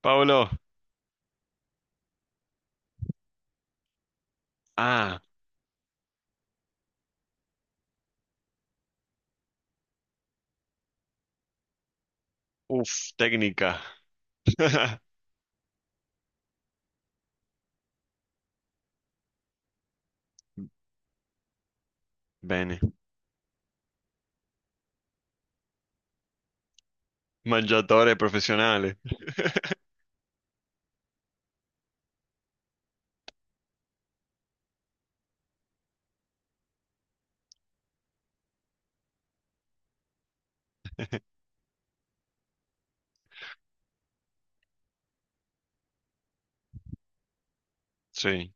Paolo, ah, uff, tecnica. Bene, mangiatore professionale. Sì,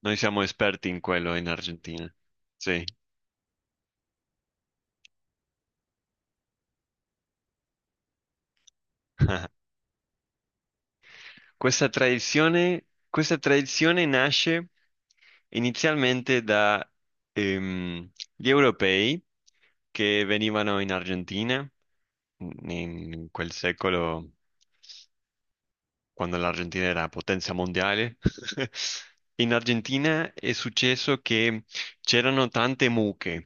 noi siamo esperti in quello in Argentina. Sì. Questa tradizione nasce inizialmente da gli europei che venivano in Argentina in quel secolo. Quando l'Argentina era potenza mondiale. In Argentina è successo che c'erano tante mucche,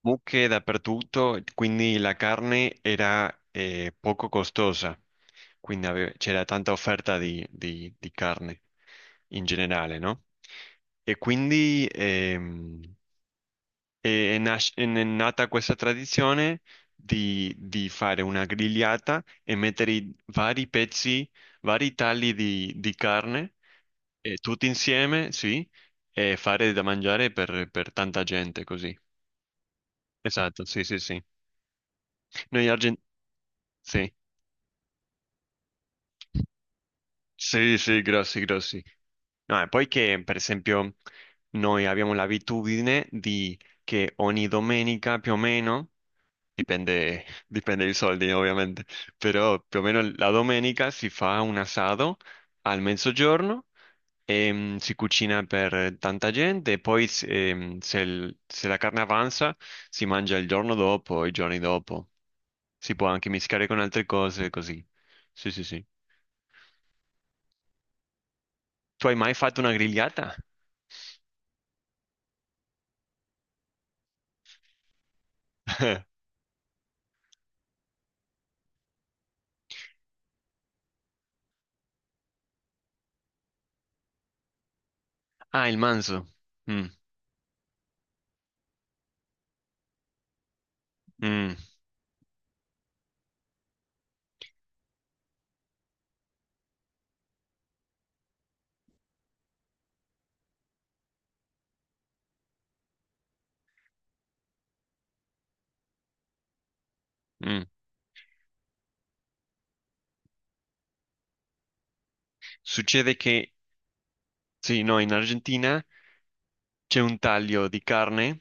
mucche dappertutto, quindi la carne era poco costosa, quindi c'era tanta offerta di carne in generale, no? E quindi è nata questa tradizione di fare una grigliata e mettere i vari pezzi, vari tagli di carne, tutti insieme, sì, e fare da mangiare per tanta gente così. Esatto, sì, sì, sì. Noi argentini, sì, sì, sì, grossi, grossi. No, e poi che, per esempio, noi abbiamo l'abitudine di che ogni domenica più o meno. Dipende, dipende i soldi ovviamente, però più o meno la domenica si fa un asado al mezzogiorno, si cucina per tanta gente e poi se la carne avanza si mangia il giorno dopo, i giorni dopo, si può anche mischiare con altre cose così. Sì, sì, sì. Tu hai mai fatto una grigliata? Ah, il manzo. Mm, mm, mm. Succede che sì, no, in Argentina c'è un taglio di carne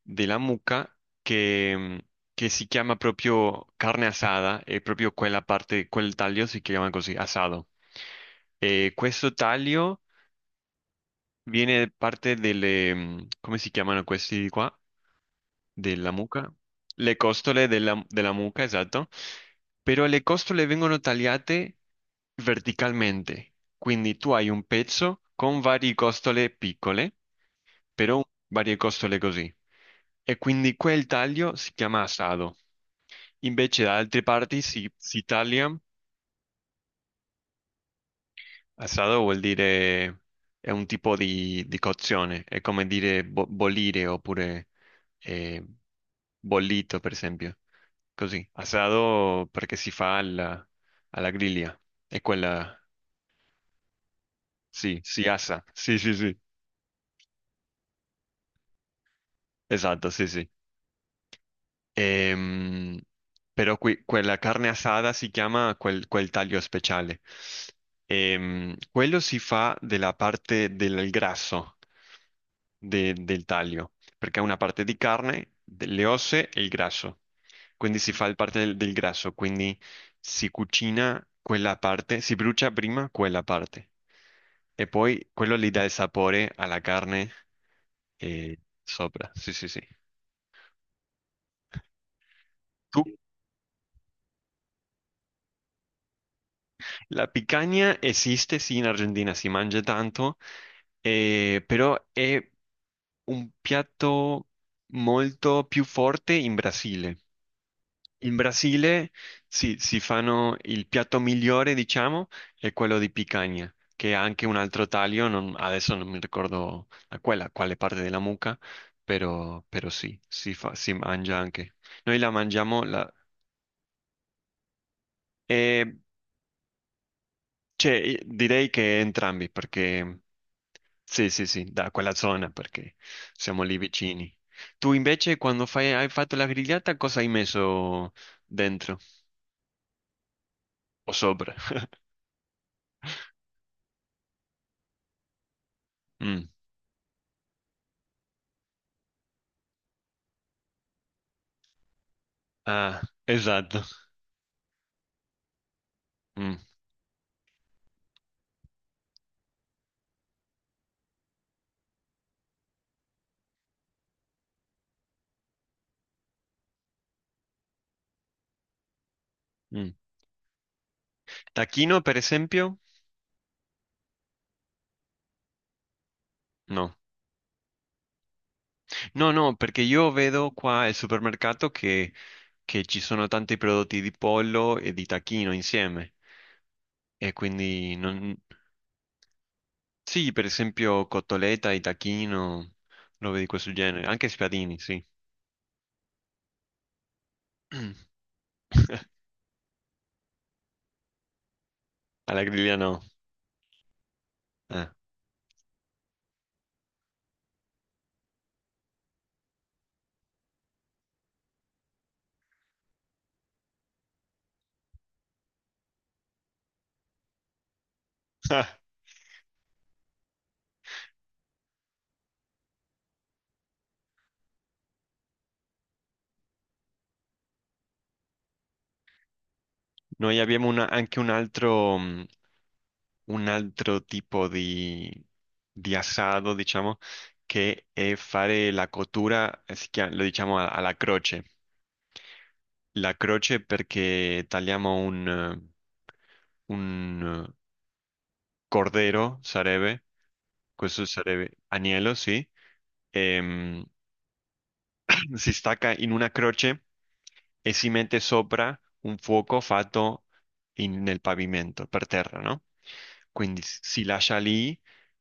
della mucca che, mm, che si chiama proprio carne asada e proprio quella parte, quel taglio si chiama così, asado. E questo taglio viene parte delle, mm, come si chiamano questi di qua? Della mucca, le costole della, della mucca, esatto, però le costole vengono tagliate verticalmente, quindi tu hai un pezzo con varie costole piccole, però varie costole così, e quindi quel taglio si chiama assado. Invece da altre parti si, si taglia. Assado vuol dire è un tipo di cozione, è come dire bollire oppure eh, bollito, per esempio. Così, assado perché si fa alla, alla griglia, è quella, sì, si assa, sì, sì, sì, esatto, sì, sì. Ehm, però quella carne assata si chiama quel, quel taglio speciale. Quello si fa della parte del grasso del taglio, perché è una parte di carne, delle osse e il grasso. Quindi si fa il parte del, del grasso, quindi si cucina quella parte, si brucia prima quella parte. E poi quello gli dà il sapore alla carne sopra. Sì, sì, sì. Tu? La picanha esiste, sì, in Argentina si mangia tanto, però è un piatto molto più forte in Brasile. In Brasile si, si fanno il piatto migliore, diciamo, è quello di picanha, che ha anche un altro taglio, adesso non mi ricordo a quella, quale parte della mucca, però, però sì, si mangia anche. Noi la mangiamo, la, cioè, direi che entrambi, perché sì, sì, sì, da quella zona, perché siamo lì vicini. Tu invece, quando fai, hai fatto la grigliata, cosa hai messo dentro o sopra? Mm. Ah, esatto. Mm, mm. Tacchino, per esempio? No. No, no, perché io vedo qua al supermercato che ci sono tanti prodotti di pollo e di tacchino insieme, e quindi non... Sì, per esempio cotoletta, Itachino, robe di questo genere. Anche spiadini, sì. Alla griglia no. Eh. Ah, noi abbiamo una- anche un altro tipo di assado, diciamo, che è fare la cottura, lo diciamo alla croce. La croce perché tagliamo un, Cordero, Sareve, questo sarebbe agnello, sì. Ehm, si stacca in una croce e si mette sopra un fuoco fatto nel pavimento, per terra, no? Quindi si lascia lì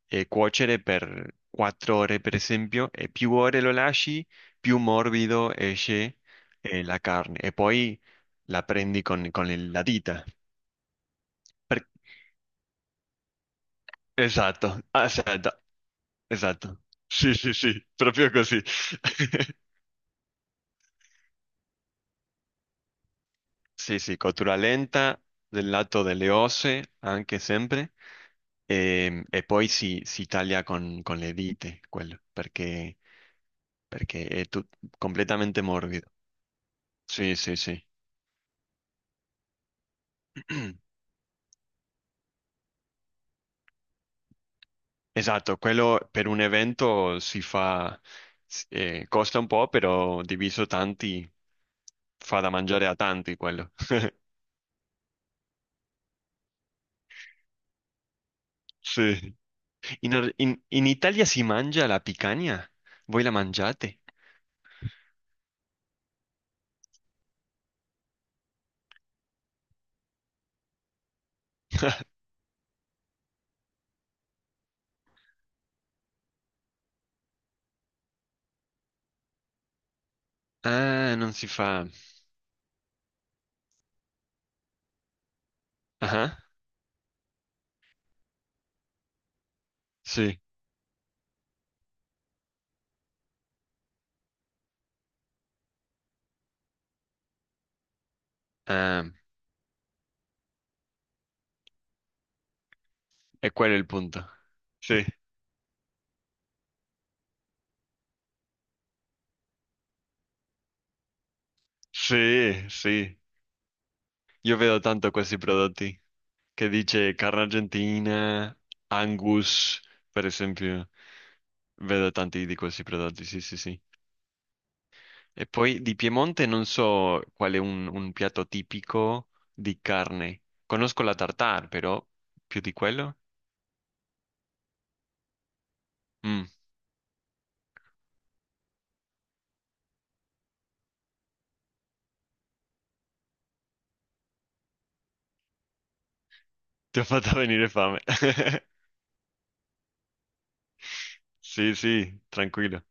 cuocere per quattro ore, per esempio, e più ore lo lasci, più morbido esce la carne. E poi la prendi con, la dita. Per- Esatto, esatto. Esatto. Sì, sì, sì, proprio così. Sì, sì, cottura lenta del lato delle osse, anche sempre. E poi si taglia con le dita, quello, perché, perché è completamente morbido. Sì, sì, sì. Esatto, quello per un evento si fa, costa un po', però diviso tanti, fa da mangiare a tanti quello. Sì. In, in Italia si mangia la picanha? Voi la mangiate? Ah, non si fa. Ah, sì. Ah, e quello è il punto. Sì, sì, sì. Io vedo tanto questi prodotti che dice carne argentina, Angus, per esempio. Vedo tanti di questi prodotti, sì, sì, sì. E poi di Piemonte non so qual è un piatto tipico di carne. Conosco la tartare, però più di quello? Mm. Ti ho fatto venire fame. Sì, sì, tranquillo.